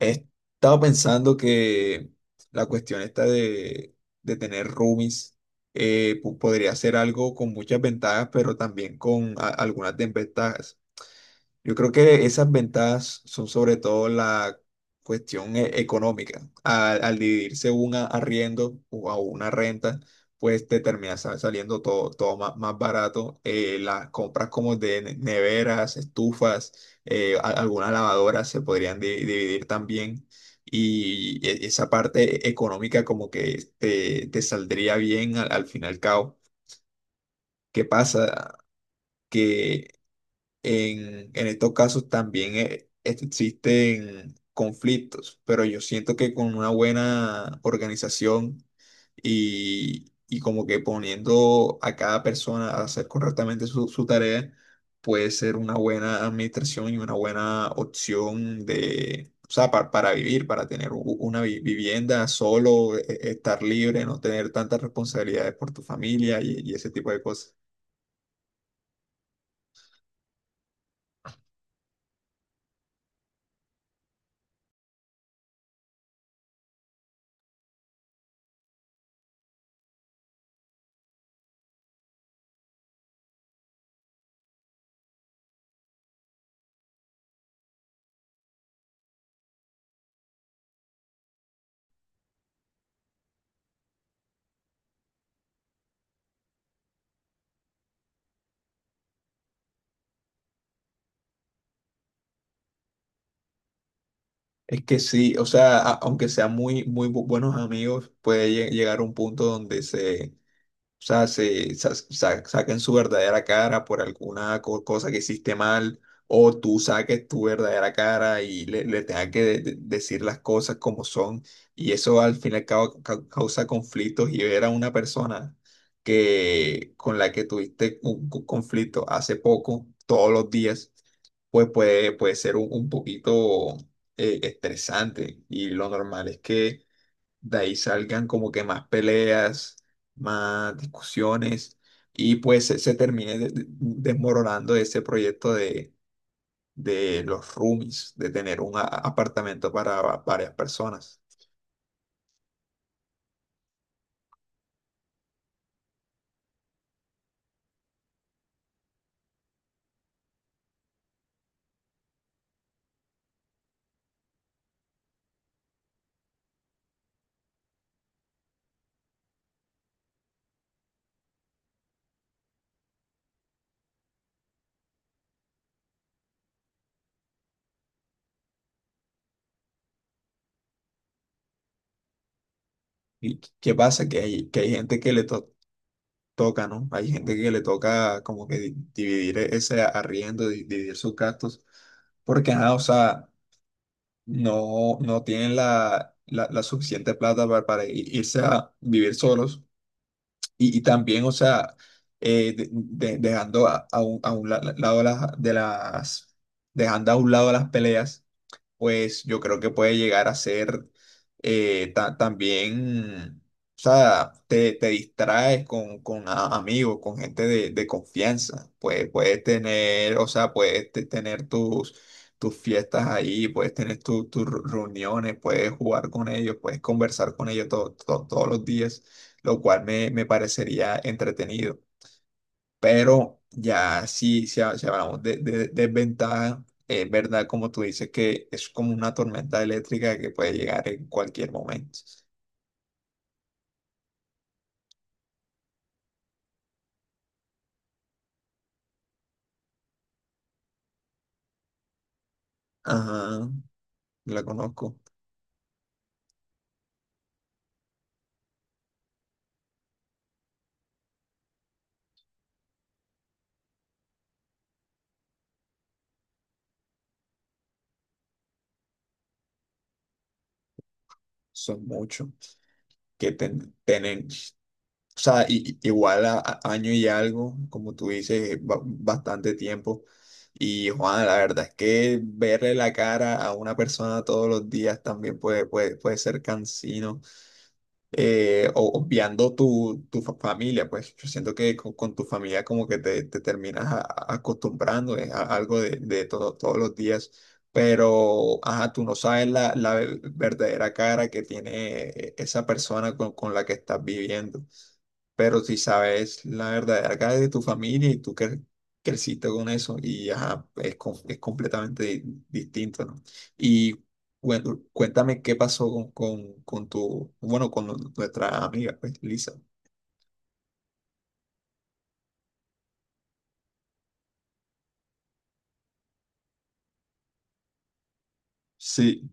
He estado pensando que la cuestión esta de tener roomies podría ser algo con muchas ventajas, pero también con algunas desventajas. Yo creo que esas ventajas son sobre todo la cuestión económica. Al dividirse un arriendo o a una renta, pues te termina saliendo todo más barato. Las compras como de neveras, estufas, algunas lavadoras se podrían dividir también. Y esa parte económica como que te saldría bien al fin y al cabo. ¿Qué pasa? Que en estos casos también existen conflictos, pero yo siento que con una buena organización y como que poniendo a cada persona a hacer correctamente su tarea, puede ser una buena administración y una buena opción de, o sea, para vivir, para tener una vivienda solo, estar libre, no tener tantas responsabilidades por tu familia y ese tipo de cosas. Es que sí, o sea, aunque sean muy, muy buenos amigos, puede llegar a un punto donde se, o sea, se, saquen su verdadera cara por alguna cosa que hiciste mal, o tú saques tu verdadera cara y le tengas que decir las cosas como son. Y eso al fin y al cabo causa conflictos y ver a una persona que, con la que tuviste un conflicto hace poco, todos los días, pues puede ser un poquito estresante. Y lo normal es que de ahí salgan como que más peleas, más discusiones y pues se termine desmoronando ese proyecto de los roomies, de tener un apartamento para varias personas. ¿Y qué qué pasa? Que hay gente que le toca, ¿no? Hay gente que le toca como que dividir ese arriendo, dividir sus gastos, porque nada, o sea, no tienen la suficiente plata para irse a vivir solos. Y también, o sea, dejando a un la- lado las, de las, dejando a un lado las peleas pues yo creo que puede llegar a ser también, o sea, te distraes con amigos, con gente de confianza, pues puedes tener, o sea, puedes tener tus, tus fiestas ahí, puedes tener tus reuniones, puedes jugar con ellos, puedes conversar con ellos todos los días, lo cual me parecería entretenido. Pero ya sí, si, si hablamos de, de desventaja, es verdad, como tú dices, que es como una tormenta eléctrica que puede llegar en cualquier momento. Ajá, la conozco, son muchos que tienen, o sea, igual a, año y algo, como tú dices, es bastante tiempo. Y Juan, la verdad es que verle la cara a una persona todos los días también puede ser cansino. Obviando tu, tu familia, pues yo siento que con tu familia como que te terminas acostumbrando a algo de todo, todos los días, pero ajá, tú no sabes la verdadera cara que tiene esa persona con la que estás viviendo, pero si sabes la verdadera cara de tu familia y creciste con eso y ajá, es, es completamente distinto, ¿no? Y bueno, cuéntame qué pasó con tu, bueno, con nuestra amiga, pues, Lisa. Sí.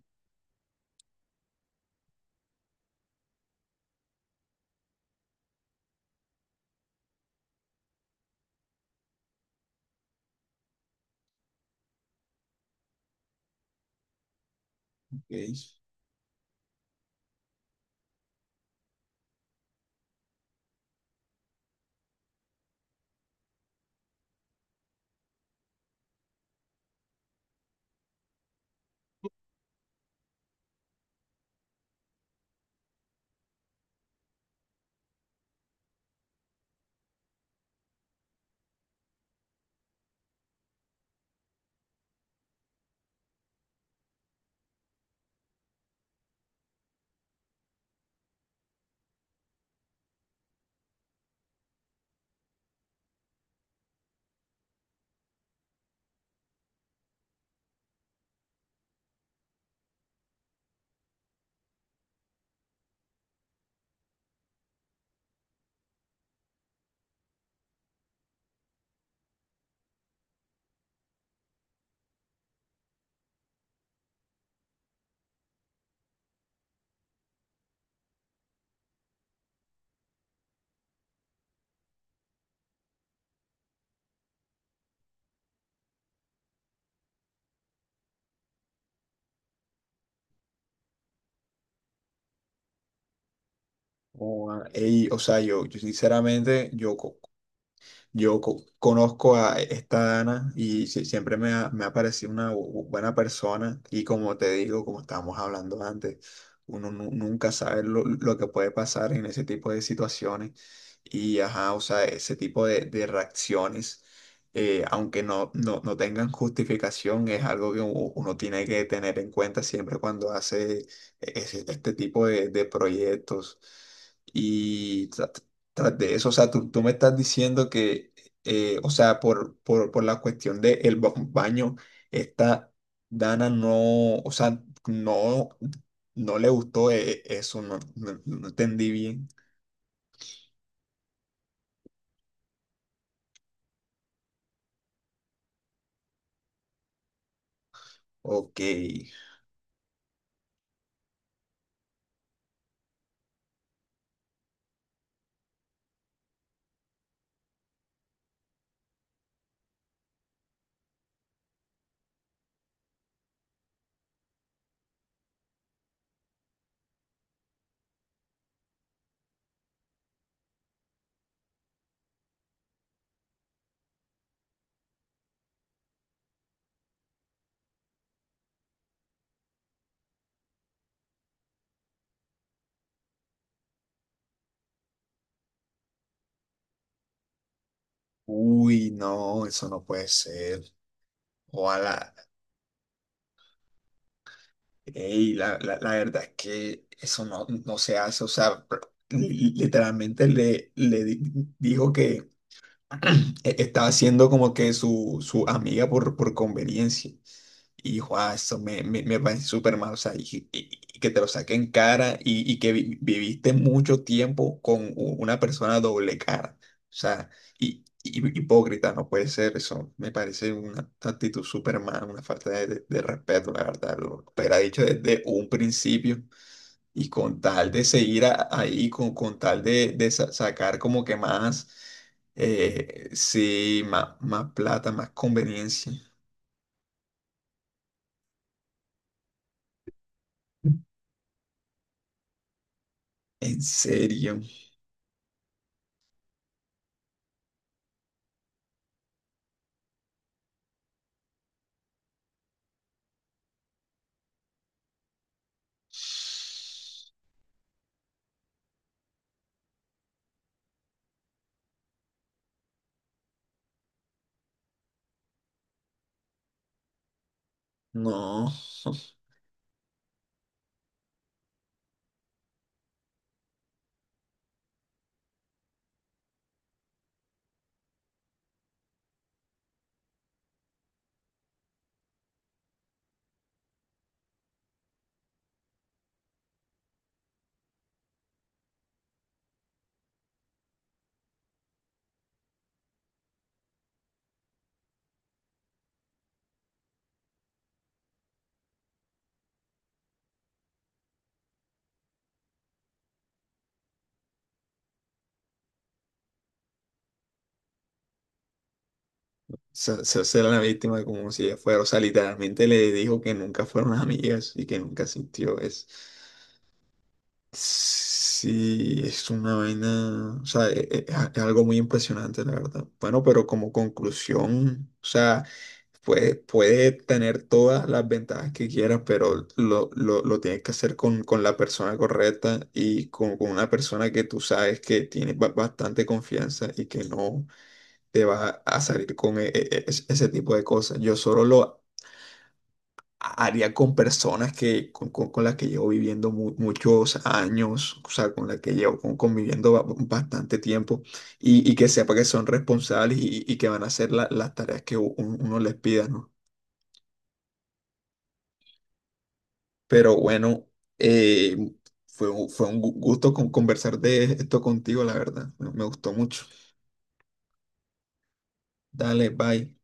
Ok. Oh, ah, ey, o sea, yo sinceramente, yo conozco a esta Dana y siempre me ha parecido una buena persona y como te digo, como estábamos hablando antes, uno nunca sabe lo que puede pasar en ese tipo de situaciones y ajá, o sea, ese tipo de reacciones, aunque no tengan justificación, es algo que uno tiene que tener en cuenta siempre cuando hace este tipo de proyectos. Y tras de eso, o sea, tú me estás diciendo que, o sea, por la cuestión de del baño, esta Dana no, o sea, no, no le gustó eso, no entendí bien. Ok, uy, no, eso no puede ser. Ojalá, ey, la verdad es que eso no, no se hace, o sea, literalmente le dijo que estaba siendo como que su amiga por conveniencia. Y dijo, ah, eso me parece súper mal. O sea, y que te lo saque en cara y que viviste mucho tiempo con una persona doble cara. O sea, hipócrita, no puede ser eso. Me parece una actitud súper mal, una falta de respeto, la verdad. Lo hubiera dicho desde un principio y con tal de seguir ahí, con tal de sacar como que más, sí, más, plata, más conveniencia. ¿En serio? No. Se hace la víctima como si ella fuera, o sea, literalmente le dijo que nunca fueron amigas y que nunca sintió eso. Sí, es una vaina, o sea, es algo muy impresionante, la verdad. Bueno, pero como conclusión, o sea, puede tener todas las ventajas que quieras, pero lo tienes que hacer con la persona correcta y con una persona que tú sabes que tiene bastante confianza y que no te va a salir con ese tipo de cosas. Yo solo lo haría con personas que, con, con las que llevo viviendo muchos años, o sea, con las que llevo conviviendo bastante tiempo y que sepa que son responsables y que van a hacer las tareas que uno les pida, ¿no? Pero bueno, eh, fue un gusto conversar de esto contigo, la verdad. Me gustó mucho. Dale, bye.